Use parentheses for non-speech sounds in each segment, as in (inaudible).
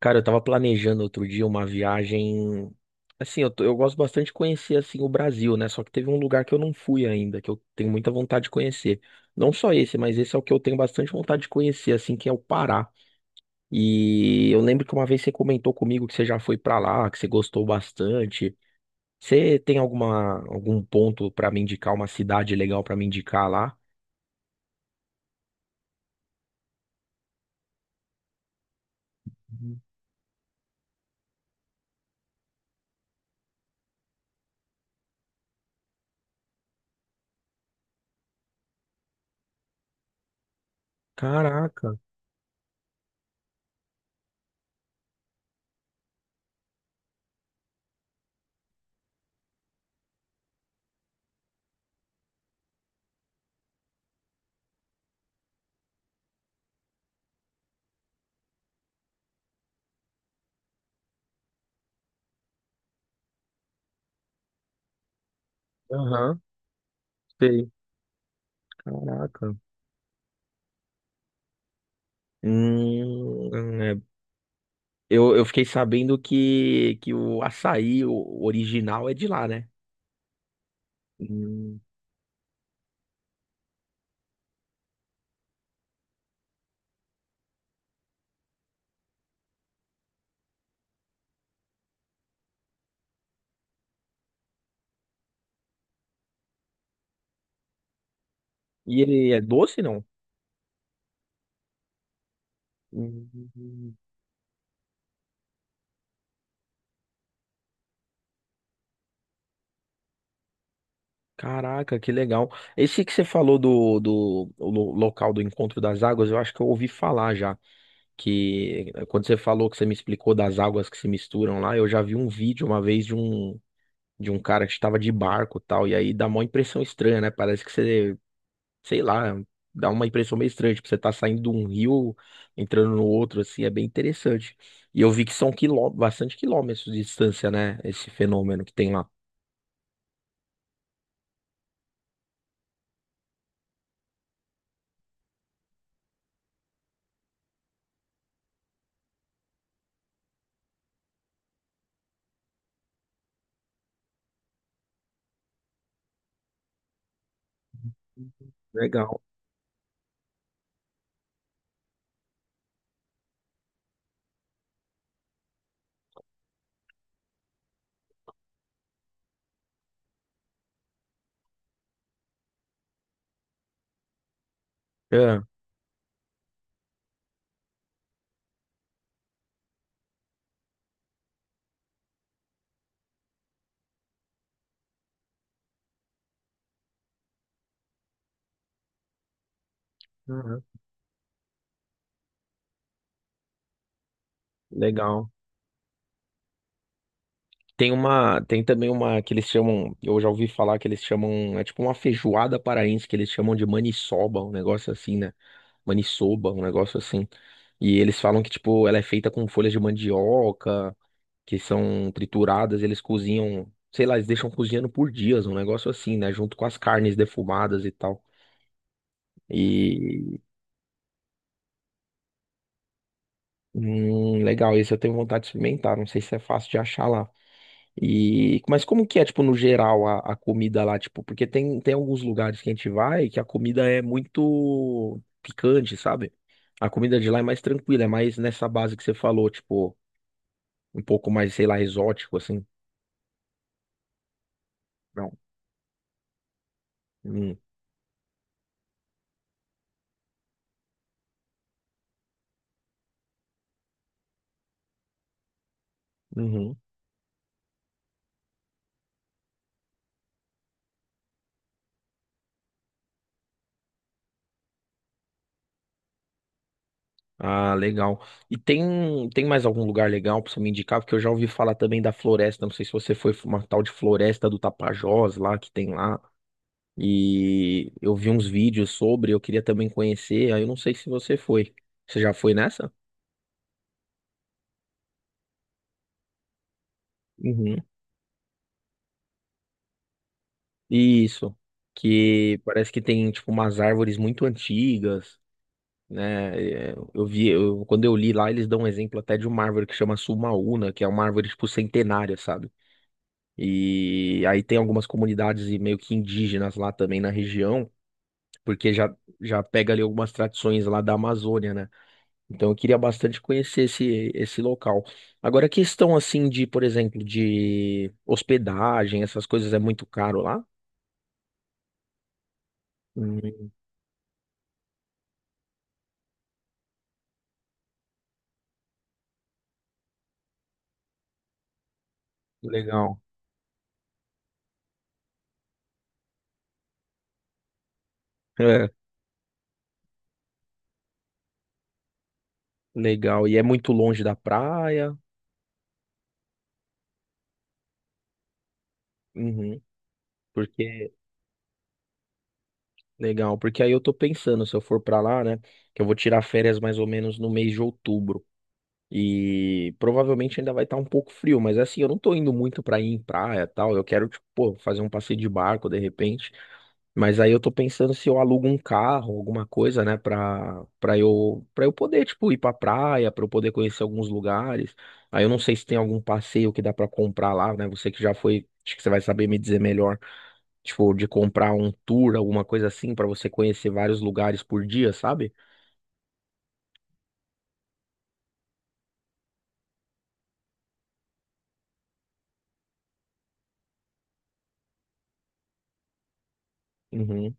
Cara, eu tava planejando outro dia uma viagem. Assim, eu gosto bastante de conhecer assim o Brasil, né? Só que teve um lugar que eu não fui ainda, que eu tenho muita vontade de conhecer. Não só esse, mas esse é o que eu tenho bastante vontade de conhecer, assim, que é o Pará. E eu lembro que uma vez você comentou comigo que você já foi pra lá, que você gostou bastante. Você tem algum ponto pra me indicar, uma cidade legal pra me indicar lá? Caraca, aham, sei. Caraca. Hum, é, Eu fiquei sabendo que, o açaí o original é de lá, né? Hum. E ele é doce, não? Hum. Caraca, que legal. Esse que você falou do local do encontro das águas, eu acho que eu ouvi falar já. Que quando você falou que você me explicou das águas que se misturam lá, eu já vi um vídeo uma vez de um cara que estava de barco e tal. E aí dá uma impressão estranha, né? Parece que você, sei lá, dá uma impressão meio estranha, tipo, você tá saindo de um rio, entrando no outro, assim, é bem interessante. E eu vi que são bastante quilômetros de distância, né, esse fenômeno que tem lá. Legal. É, uhum, legal. Tem uma, tem também uma que eles chamam, eu já ouvi falar que eles chamam, é tipo uma feijoada paraense que eles chamam de maniçoba, um negócio assim, né? Maniçoba, um negócio assim. E eles falam que, tipo, ela é feita com folhas de mandioca, que são trituradas, eles cozinham, sei lá, eles deixam cozinhando por dias, um negócio assim, né? Junto com as carnes defumadas e tal. E legal, esse eu tenho vontade de experimentar. Não sei se é fácil de achar lá. E mas como que é, tipo, no geral a comida lá, tipo, porque tem alguns lugares que a gente vai que a comida é muito picante, sabe? A comida de lá é mais tranquila, é mais nessa base que você falou, tipo, um pouco mais, sei lá, exótico assim. Não. Hum, uhum. Ah, legal. E tem mais algum lugar legal pra você me indicar? Porque eu já ouvi falar também da floresta. Não sei se você foi uma tal de floresta do Tapajós lá que tem lá. E eu vi uns vídeos sobre, eu queria também conhecer. Aí eu não sei se você foi. Você já foi nessa? Uhum. Isso. Que parece que tem tipo umas árvores muito antigas, né? Eu vi, quando eu li lá, eles dão um exemplo até de uma árvore que chama Sumaúna, que é uma árvore tipo centenária, sabe? E aí tem algumas comunidades e meio que indígenas lá também na região, porque já pega ali algumas tradições lá da Amazônia, né? Então eu queria bastante conhecer esse local. Agora, a questão assim de, por exemplo, de hospedagem, essas coisas é muito caro lá? Hum, legal. (laughs) É, legal. E é muito longe da praia. Uhum. Porque, legal, porque aí eu tô pensando, se eu for pra lá, né, que eu vou tirar férias mais ou menos no mês de outubro. E provavelmente ainda vai estar um pouco frio, mas assim, eu não tô indo muito pra ir em praia e tal. Eu quero, tipo, pô, fazer um passeio de barco de repente. Mas aí eu tô pensando se eu alugo um carro, alguma coisa, né, pra eu poder, tipo, ir pra praia, pra eu poder conhecer alguns lugares. Aí eu não sei se tem algum passeio que dá pra comprar lá, né? Você que já foi, acho que você vai saber me dizer melhor, tipo, de comprar um tour, alguma coisa assim, pra você conhecer vários lugares por dia, sabe? Uhum.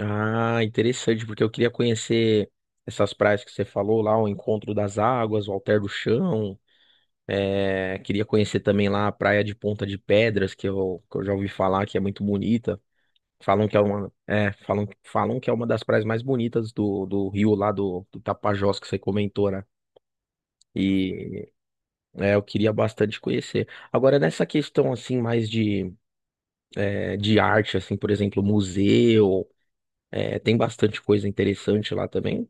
Ah, interessante, porque eu queria conhecer essas praias que você falou lá, o Encontro das Águas, o Alter do Chão. É, queria conhecer também lá a Praia de Ponta de Pedras, que eu já ouvi falar que é muito bonita. Falam que é uma, é, falam que é uma das praias mais bonitas do rio lá do Tapajós que você comentou, né? E é, eu queria bastante conhecer. Agora, nessa questão assim, mais é, de arte, assim, por exemplo, museu, é, tem bastante coisa interessante lá também.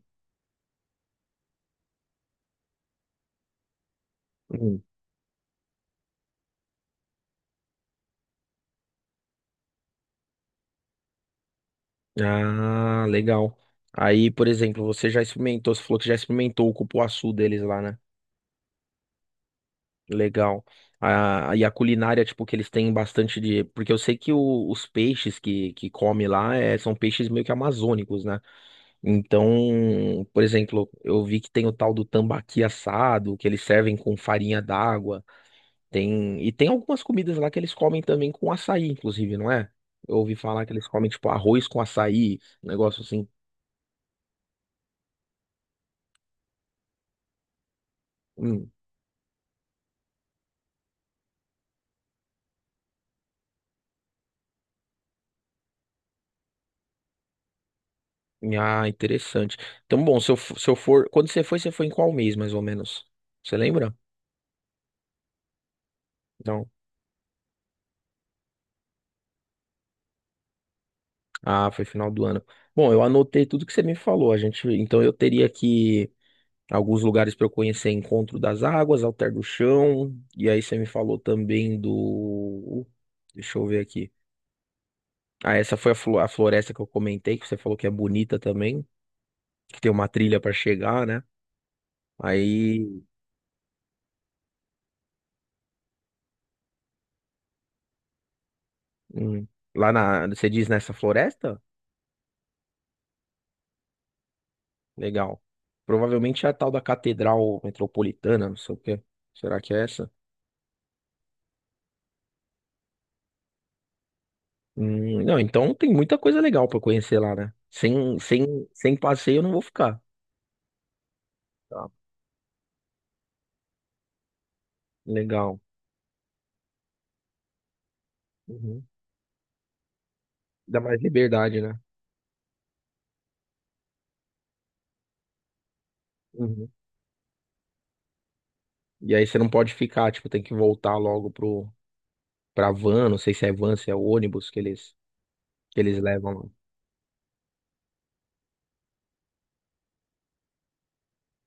Ah, legal. Aí, por exemplo, você já experimentou, você falou que já experimentou o cupuaçu deles lá, né? Legal. Ah, e a culinária, tipo, que eles têm bastante de. Porque eu sei que os peixes que come lá é, são peixes meio que amazônicos, né? Então, por exemplo, eu vi que tem o tal do tambaqui assado, que eles servem com farinha d'água. Tem... E tem algumas comidas lá que eles comem também com açaí, inclusive, não é? Eu ouvi falar que eles comem, tipo, arroz com açaí, um negócio assim. Ah, interessante. Então, bom, se eu for, quando você foi em qual mês, mais ou menos? Você lembra? Não. Ah, foi final do ano. Bom, eu anotei tudo que você me falou. A gente, então eu teria aqui alguns lugares para eu conhecer: Encontro das Águas, Alter do Chão, e aí você me falou também do. Deixa eu ver aqui. Ah, essa foi a floresta que eu comentei, que você falou que é bonita também, que tem uma trilha para chegar, né? Aí, hum, lá na, você diz nessa floresta? Legal. Provavelmente é a tal da Catedral Metropolitana, não sei o quê. Será que é essa? Não, então tem muita coisa legal pra conhecer lá, né? Sem passeio eu não vou ficar. Tá. Legal. Uhum. Dá mais liberdade, né? Uhum. E aí você não pode ficar, tipo, tem que voltar logo pra van, não sei se é van, se é ônibus que eles levam lá.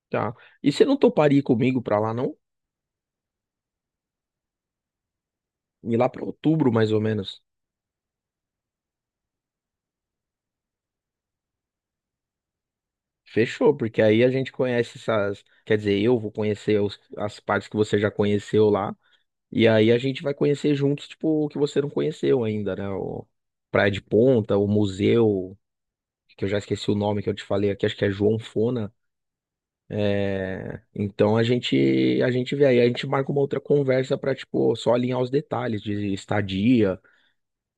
Tá. E você não toparia ir comigo pra lá, não? Ir lá pra outubro, mais ou menos. Fechou, porque aí a gente conhece essas. Quer dizer, eu vou conhecer as partes que você já conheceu lá. E aí a gente vai conhecer juntos, tipo, o que você não conheceu ainda, né? O Praia de Ponta, o museu, que eu já esqueci o nome que eu te falei aqui, acho que é João Fona. É, então a gente vê aí, a gente marca uma outra conversa pra, tipo, só alinhar os detalhes de estadia,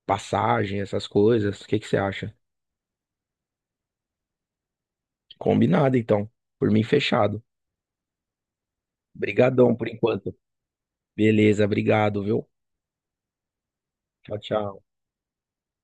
passagem, essas coisas. O que que você acha? Combinado, então. Por mim, fechado. Obrigadão por enquanto. Beleza, obrigado, viu? Tchau, tchau.